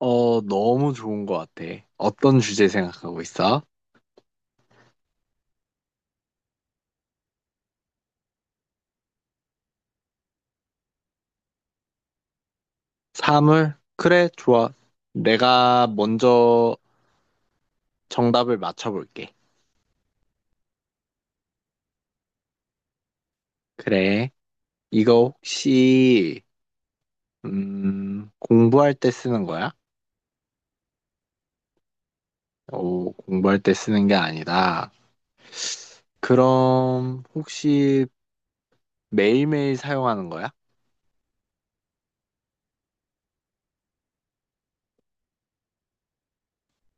어, 너무 좋은 것 같아. 어떤 주제 생각하고 있어? 사물? 그래, 좋아. 내가 먼저 정답을 맞춰볼게. 그래. 이거 혹시, 공부할 때 쓰는 거야? 오, 공부할 때 쓰는 게 아니다. 그럼, 혹시 매일매일 사용하는 거야?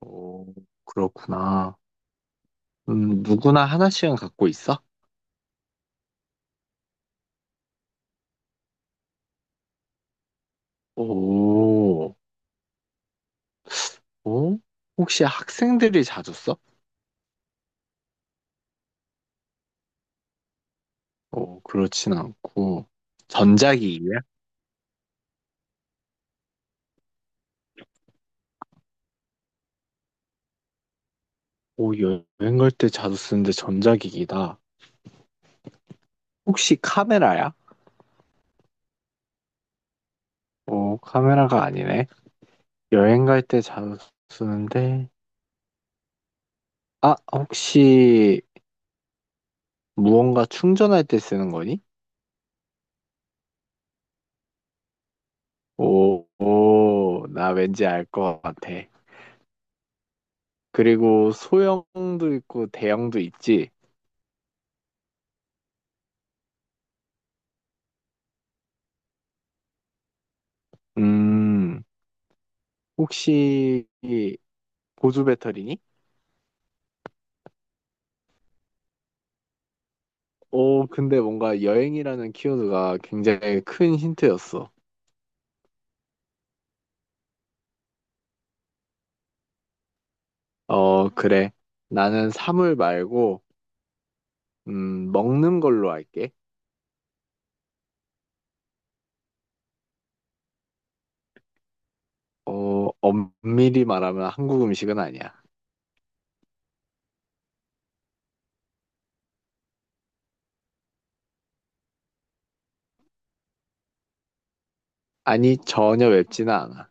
오, 그렇구나. 누구나 하나씩은 갖고 있어? 오, 오? 혹시 학생들이 자주 써? 어, 그렇진 않고 전자기기야? 오, 여행 갈 때 자주 쓰는데 전자기기다. 혹시 카메라야? 오, 카메라가 아니네. 여행 갈 때 자주 쓰는데 아, 혹시 무언가 충전할 때 쓰는 거니? 오, 오, 나 왠지 알 것 같아. 그리고 소형도 있고 대형도 있지. 음, 혹시 보조 배터리니? 오, 근데 뭔가 여행이라는 키워드가 굉장히 큰 힌트였어. 어, 그래. 나는 사물 말고, 먹는 걸로 할게. 어, 엄밀히 말하면 한국 음식은 아니야. 아니, 전혀 맵지는 않아.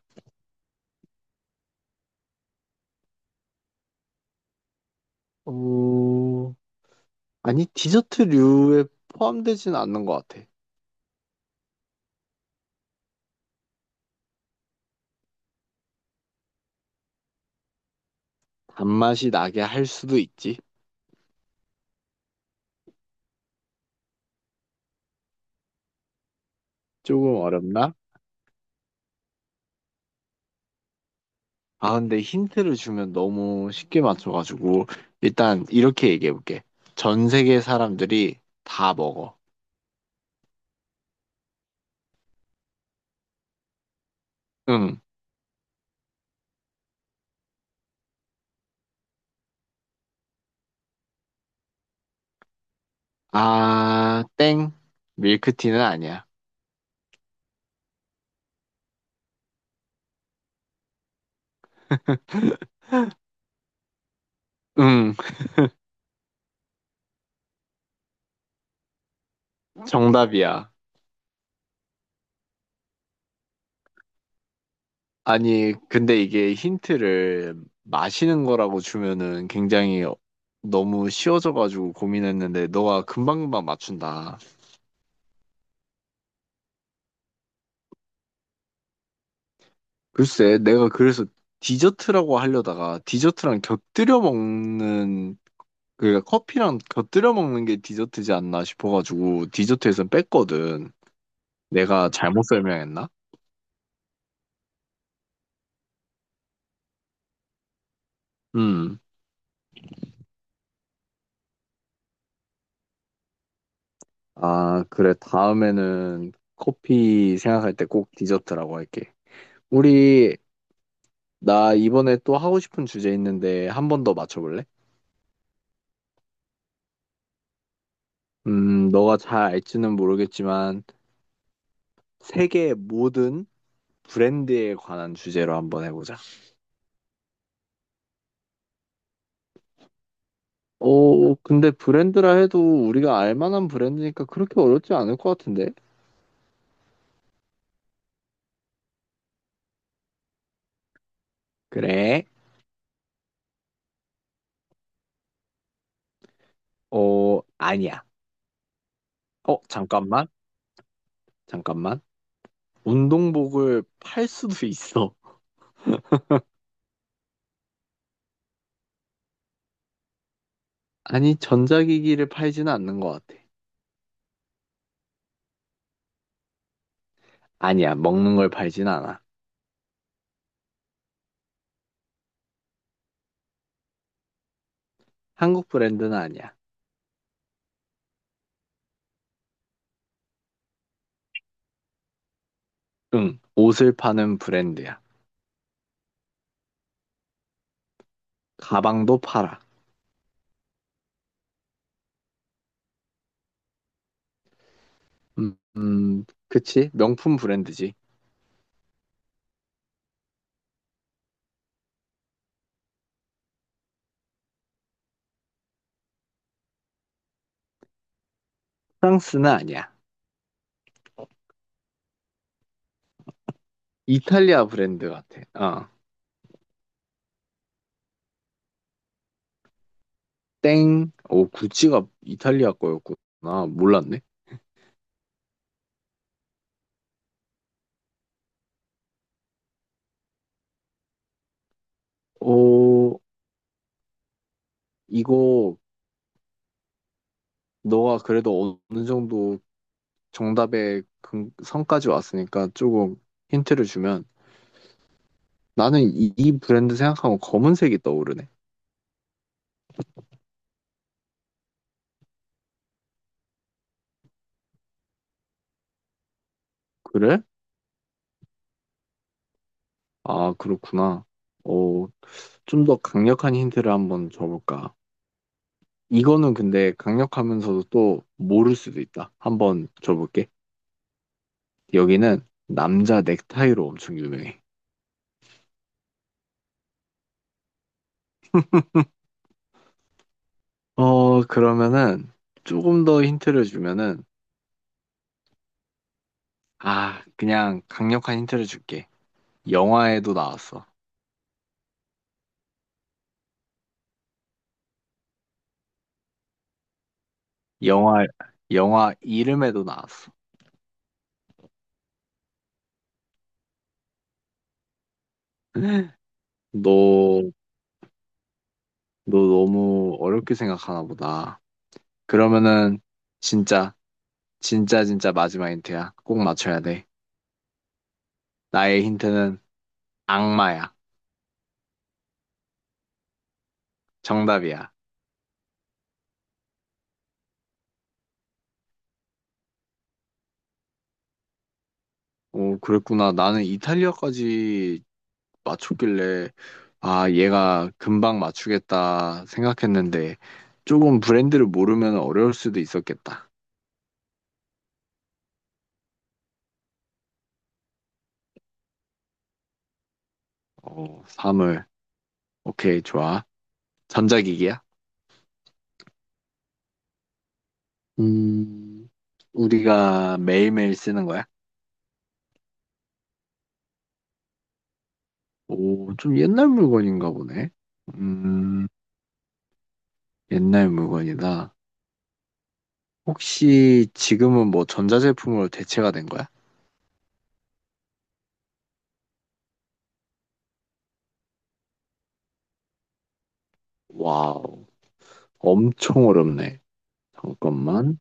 어, 아니, 디저트류에 포함되지는 않는 것 같아. 단맛이 나게 할 수도 있지. 조금 어렵나? 아, 근데 힌트를 주면 너무 쉽게 맞춰가지고, 일단 이렇게 얘기해볼게. 전 세계 사람들이 다 먹어. 응. 아, 땡. 밀크티는 아니야. 응, 정답이야. 아니, 근데 이게 힌트를 마시는 거라고 주면은 굉장히 너무 쉬워져가지고 고민했는데 너가 금방금방 맞춘다. 글쎄, 내가 그래서 디저트라고 하려다가 디저트랑 곁들여 먹는, 그러니까 커피랑 곁들여 먹는 게 디저트지 않나 싶어가지고 디저트에선 뺐거든. 내가 잘못 설명했나? 음. 아, 그래. 다음에는 커피 생각할 때 꼭 디저트라고 할게. 우리 나 이번에 또 하고 싶은 주제 있는데 한 번 더 맞춰볼래? 너가 잘 알지는 모르겠지만 세계 모든 브랜드에 관한 주제로 한번 해보자. 오, 근데 브랜드라 해도 우리가 알 만한 브랜드니까 그렇게 어렵지 않을 것 같은데? 그래. 어, 아니야. 어, 잠깐만. 잠깐만. 운동복을 팔 수도 있어. 아니, 전자기기를 팔지는 않는 것 같아. 아니야, 먹는 걸 팔진 않아. 한국 브랜드는 아니야. 응, 옷을 파는 브랜드야. 가방도 팔아. 그치? 명품 브랜드지. 프랑스는 아니야. 이탈리아 브랜드 같아. 어. 땡. 오, 구찌가 이탈리아 거였구나. 몰랐네. 오, 이거 너가 그래도 어느 정도 정답의 선까지 왔으니까 조금 힌트를 주면 나는 이 브랜드 생각하면 검은색이 떠오르네. 그래? 아, 그렇구나. 오, 좀 더 강력한 힌트를 한번 줘볼까? 이거는 근데 강력하면서도 또 모를 수도 있다. 한번 줘볼게. 여기는 남자 넥타이로 엄청 유명해. 어, 그러면은 조금 더 힌트를 주면은 아, 그냥 강력한 힌트를 줄게. 영화에도 나왔어. 영화, 영화 이름에도 나왔어. 너, 너 너무 어렵게 생각하나 보다. 그러면은 진짜, 진짜, 진짜 마지막 힌트야. 꼭 맞춰야 돼. 나의 힌트는 악마야. 정답이야. 어, 그랬구나. 나는 이탈리아까지 맞췄길래, 아, 얘가 금방 맞추겠다 생각했는데, 조금 브랜드를 모르면 어려울 수도 있었겠다. 어, 사물. 오케이, 좋아. 전자기기야? 음, 우리가 매일매일 쓰는 거야? 오, 좀 옛날 물건인가 보네. 음, 옛날 물건이다. 혹시 지금은 뭐 전자제품으로 대체가 된 거야? 와우, 엄청 어렵네. 잠깐만.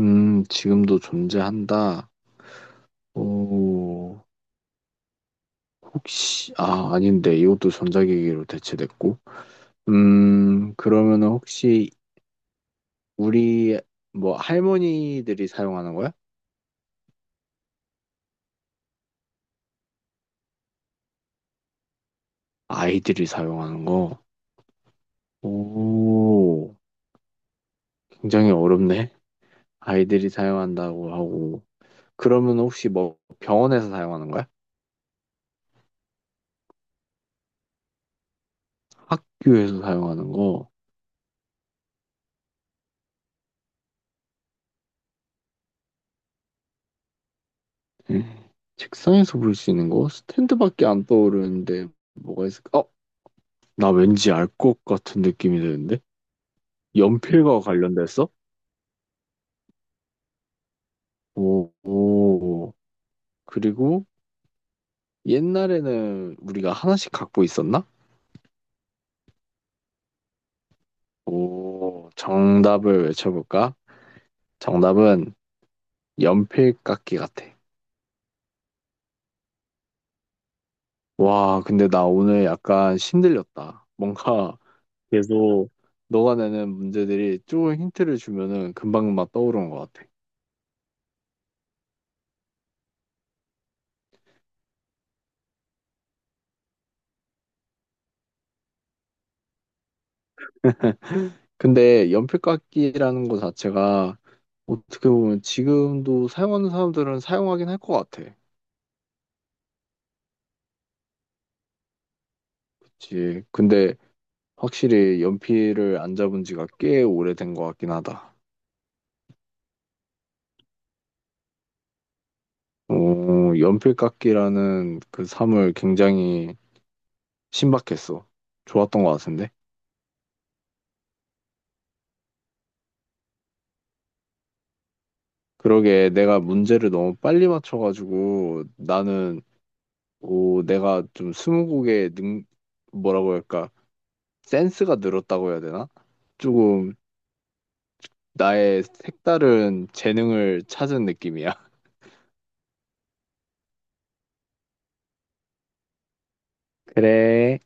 지금도 존재한다. 오, 혹시, 아, 아닌데, 이것도 전자기기로 대체됐고. 그러면은 혹시 우리, 뭐, 할머니들이 사용하는 거야? 아이들이 사용하는 거? 오, 굉장히 어렵네. 아이들이 사용한다고 하고. 그러면 혹시 뭐, 병원에서 사용하는 거야? 학교에서 사용하는 거? 음, 책상에서 볼 수 있는 거? 스탠드밖에 안 떠오르는데, 뭐가 있을까? 어, 나 왠지 알 것 같은 느낌이 드는데? 연필과 관련됐어? 오, 오. 그리고 옛날에는 우리가 하나씩 갖고 있었나? 오, 정답을 외쳐볼까? 정답은 연필깎이 같아. 와, 근데 나 오늘 약간 힘들렸다 뭔가 계속 너가 내는 문제들이 조금 힌트를 주면은 금방금방 떠오르는 것 같아. 근데 연필 깎기라는 거 자체가 어떻게 보면 지금도 사용하는 사람들은 사용하긴 할 것 같아. 그치. 근데 확실히 연필을 안 잡은 지가 꽤 오래된 것 같긴 하다. 어, 연필 깎기라는 그 삶을 굉장히 신박했어. 좋았던 것 같은데. 그러게 내가 문제를 너무 빨리 맞춰가지고 나는 오, 내가 좀 스무고개 뭐라고 할까? 센스가 늘었다고 해야 되나? 조금 나의 색다른 재능을 찾은 느낌이야. 그래.